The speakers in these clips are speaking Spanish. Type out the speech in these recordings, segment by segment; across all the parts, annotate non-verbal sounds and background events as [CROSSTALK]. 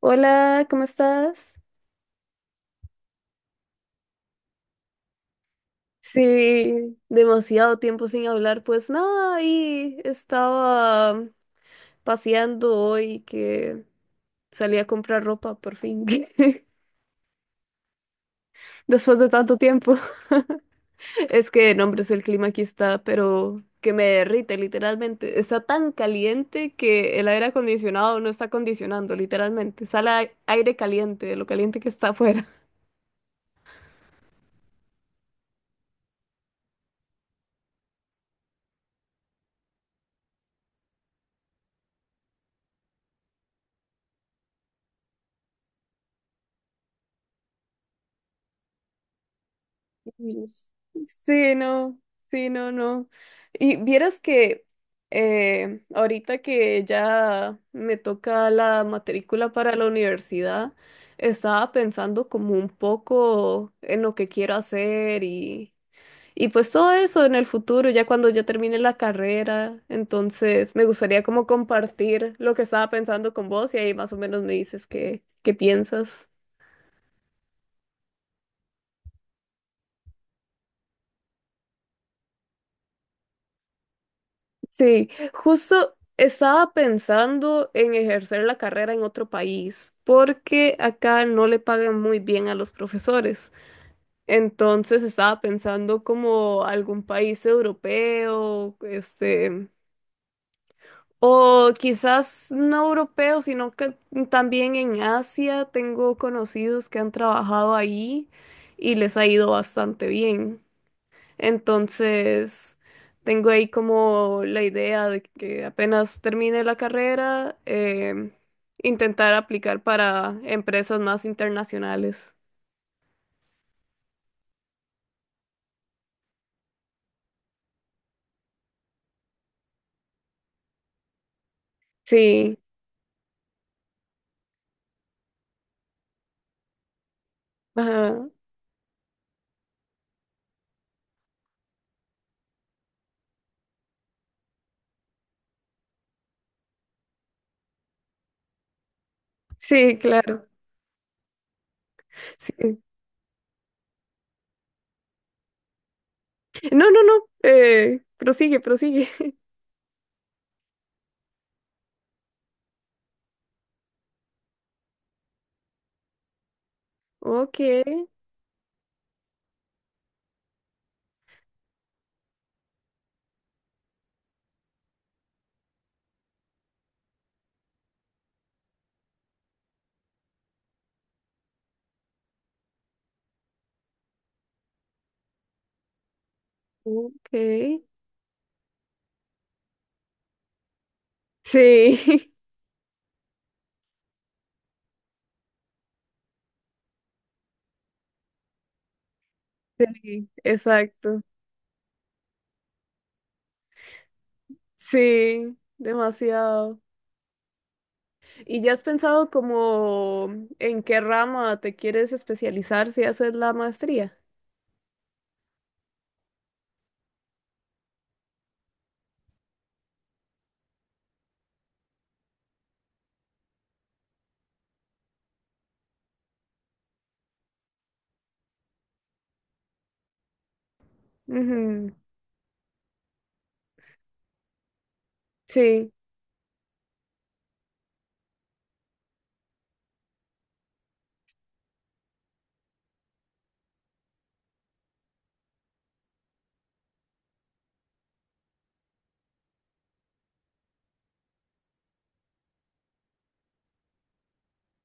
Hola, ¿cómo estás? Sí, demasiado tiempo sin hablar. Pues nada, ahí estaba paseando hoy que salí a comprar ropa por fin. [LAUGHS] Después de tanto tiempo. [LAUGHS] Es que, no, hombre, es el clima aquí está, pero que me derrite literalmente. Está tan caliente que el aire acondicionado no está acondicionando, literalmente. Sale aire caliente de lo caliente que está afuera. Dios. Sí, no, sí, no, no. Y vieras que ahorita que ya me toca la matrícula para la universidad, estaba pensando como un poco en lo que quiero hacer y pues todo eso en el futuro, ya cuando ya termine la carrera. Entonces me gustaría como compartir lo que estaba pensando con vos y ahí más o menos me dices qué piensas. Sí, justo estaba pensando en ejercer la carrera en otro país, porque acá no le pagan muy bien a los profesores. Entonces estaba pensando como algún país europeo, este, o quizás no europeo, sino que también en Asia tengo conocidos que han trabajado ahí y les ha ido bastante bien. Entonces, tengo ahí como la idea de que apenas termine la carrera, em, intentar aplicar para empresas más internacionales. Sí, ajá. Sí, claro. Sí. No, no, no. Prosigue, prosigue. [LAUGHS] Ok, ok. Sí, [LAUGHS] sí, exacto. Sí, demasiado. ¿Y ya has pensado como en qué rama te quieres especializar si haces la maestría? Ujú. Sí.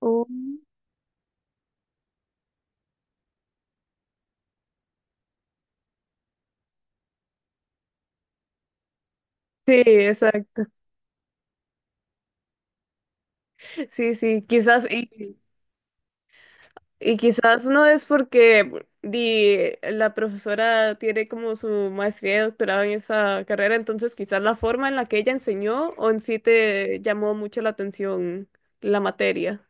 Oh, sí, exacto. Sí, sí, y quizás no es porque di, la profesora tiene como su maestría y doctorado en esa carrera, entonces quizás la forma en la que ella enseñó o en sí te llamó mucho la atención la materia.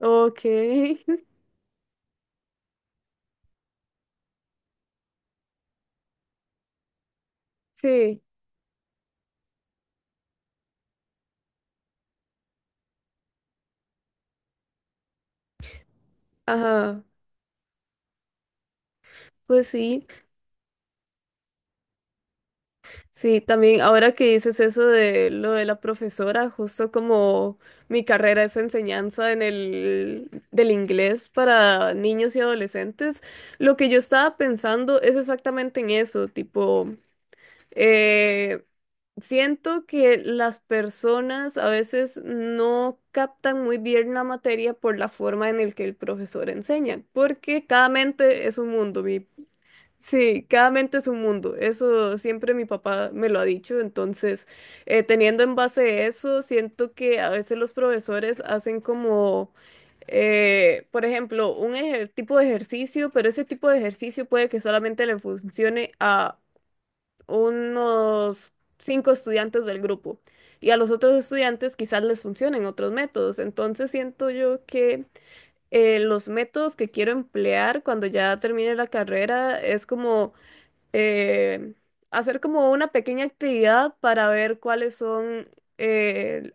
Ok. Sí, ajá, pues sí, sí, también ahora que dices eso de lo de la profesora, justo como mi carrera es enseñanza en el del inglés para niños y adolescentes, lo que yo estaba pensando es exactamente en eso, tipo, eh, siento que las personas a veces no captan muy bien la materia por la forma en el que el profesor enseña, porque cada mente es un mundo. Mi Sí, cada mente es un mundo. Eso siempre mi papá me lo ha dicho. Entonces, teniendo en base eso, siento que a veces los profesores hacen como, por ejemplo, tipo de ejercicio, pero ese tipo de ejercicio puede que solamente le funcione a unos 5 estudiantes del grupo. Y a los otros estudiantes quizás les funcionen otros métodos. Entonces, siento yo que los métodos que quiero emplear cuando ya termine la carrera es como eh, hacer como una pequeña actividad para ver cuáles son eh,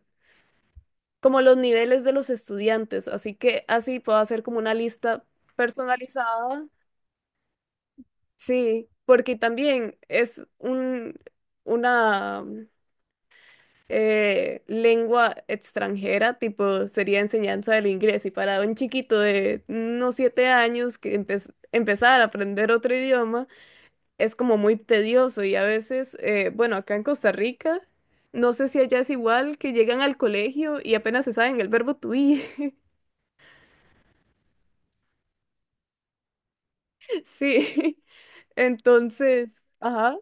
como los niveles de los estudiantes. Así que así puedo hacer como una lista personalizada. Sí, porque también es una lengua extranjera, tipo sería enseñanza del inglés. Y para un chiquito de unos 7 años que empezar a aprender otro idioma, es como muy tedioso y a veces, bueno, acá en Costa Rica, no sé si allá es igual, que llegan al colegio y apenas se saben el verbo to be. [LAUGHS] Sí, [LAUGHS] entonces, ajá,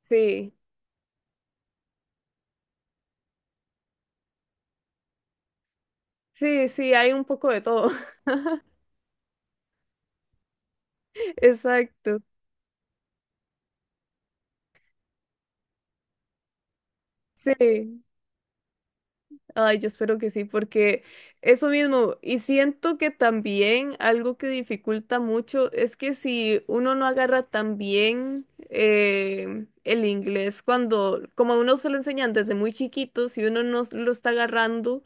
sí, sí, sí, hay un poco de todo. [LAUGHS] Exacto, sí. Ay, yo espero que sí, porque eso mismo, y siento que también algo que dificulta mucho es que si uno no agarra tan bien el inglés, cuando como a uno se lo enseñan desde muy chiquito, si uno no lo está agarrando,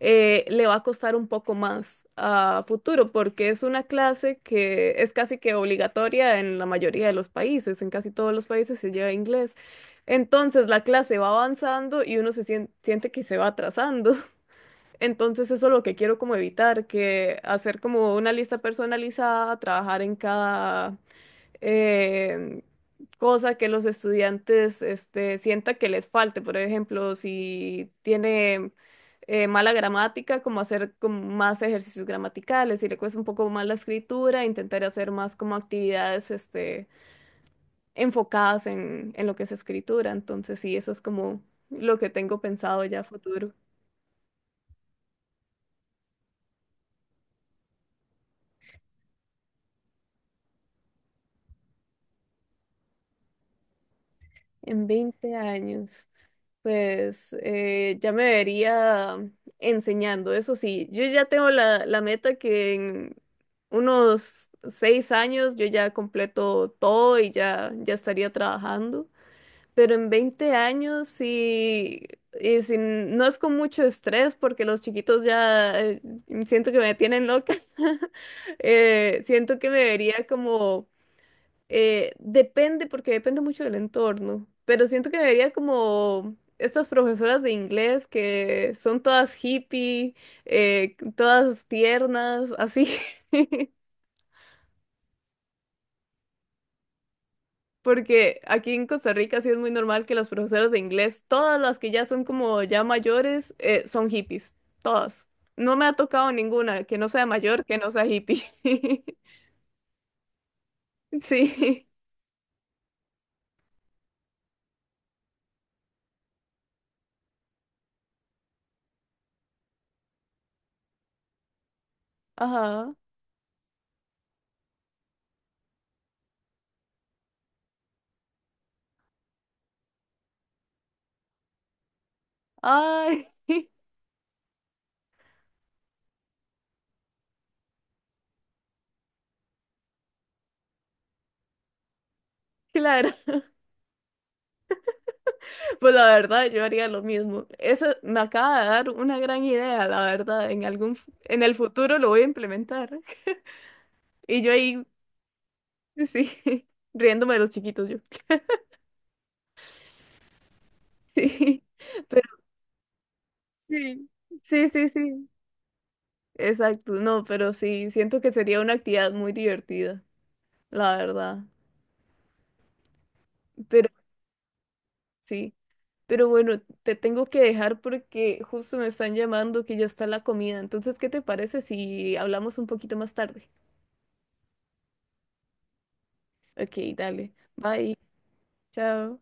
le va a costar un poco más a futuro, porque es una clase que es casi que obligatoria en la mayoría de los países, en casi todos los países se lleva inglés. Entonces la clase va avanzando y uno se siente que se va atrasando. [LAUGHS] Entonces eso es lo que quiero como evitar, que hacer como una lista personalizada, trabajar en cada eh, cosa que los estudiantes este, sienta que les falte. Por ejemplo, si tiene mala gramática, como hacer como más ejercicios gramaticales. Si le cuesta un poco más la escritura, intentar hacer más como actividades este, enfocadas en lo que es escritura. Entonces, sí, eso es como lo que tengo pensado ya a futuro. En 20 años. Pues ya me vería enseñando, eso sí, yo ya tengo la meta que en unos 6 años yo ya completo todo ya estaría trabajando, pero en 20 años sí, no es con mucho estrés porque los chiquitos ya siento que me tienen loca, [LAUGHS] siento que me vería como depende, porque depende mucho del entorno, pero siento que vería como estas profesoras de inglés que son todas hippie, todas tiernas, así. [LAUGHS] Porque aquí en Costa Rica sí es muy normal que las profesoras de inglés, todas las que ya son como ya mayores, son hippies, todas. No me ha tocado ninguna que no sea mayor, que no sea hippie. [LAUGHS] Sí, ajá. Ay, [LAUGHS] claro. Pues la verdad, yo haría lo mismo. Eso me acaba de dar una gran idea, la verdad. En algún, en el futuro lo voy a implementar. [LAUGHS] Y yo ahí, sí, [LAUGHS] riéndome de los chiquitos yo. [LAUGHS] Sí, pero sí, sí, sí, sí. Exacto. No, pero sí, siento que sería una actividad muy divertida, la verdad. Pero sí. Pero bueno, te tengo que dejar porque justo me están llamando que ya está la comida. Entonces, ¿qué te parece si hablamos un poquito más tarde? Ok, dale. Bye. Chao.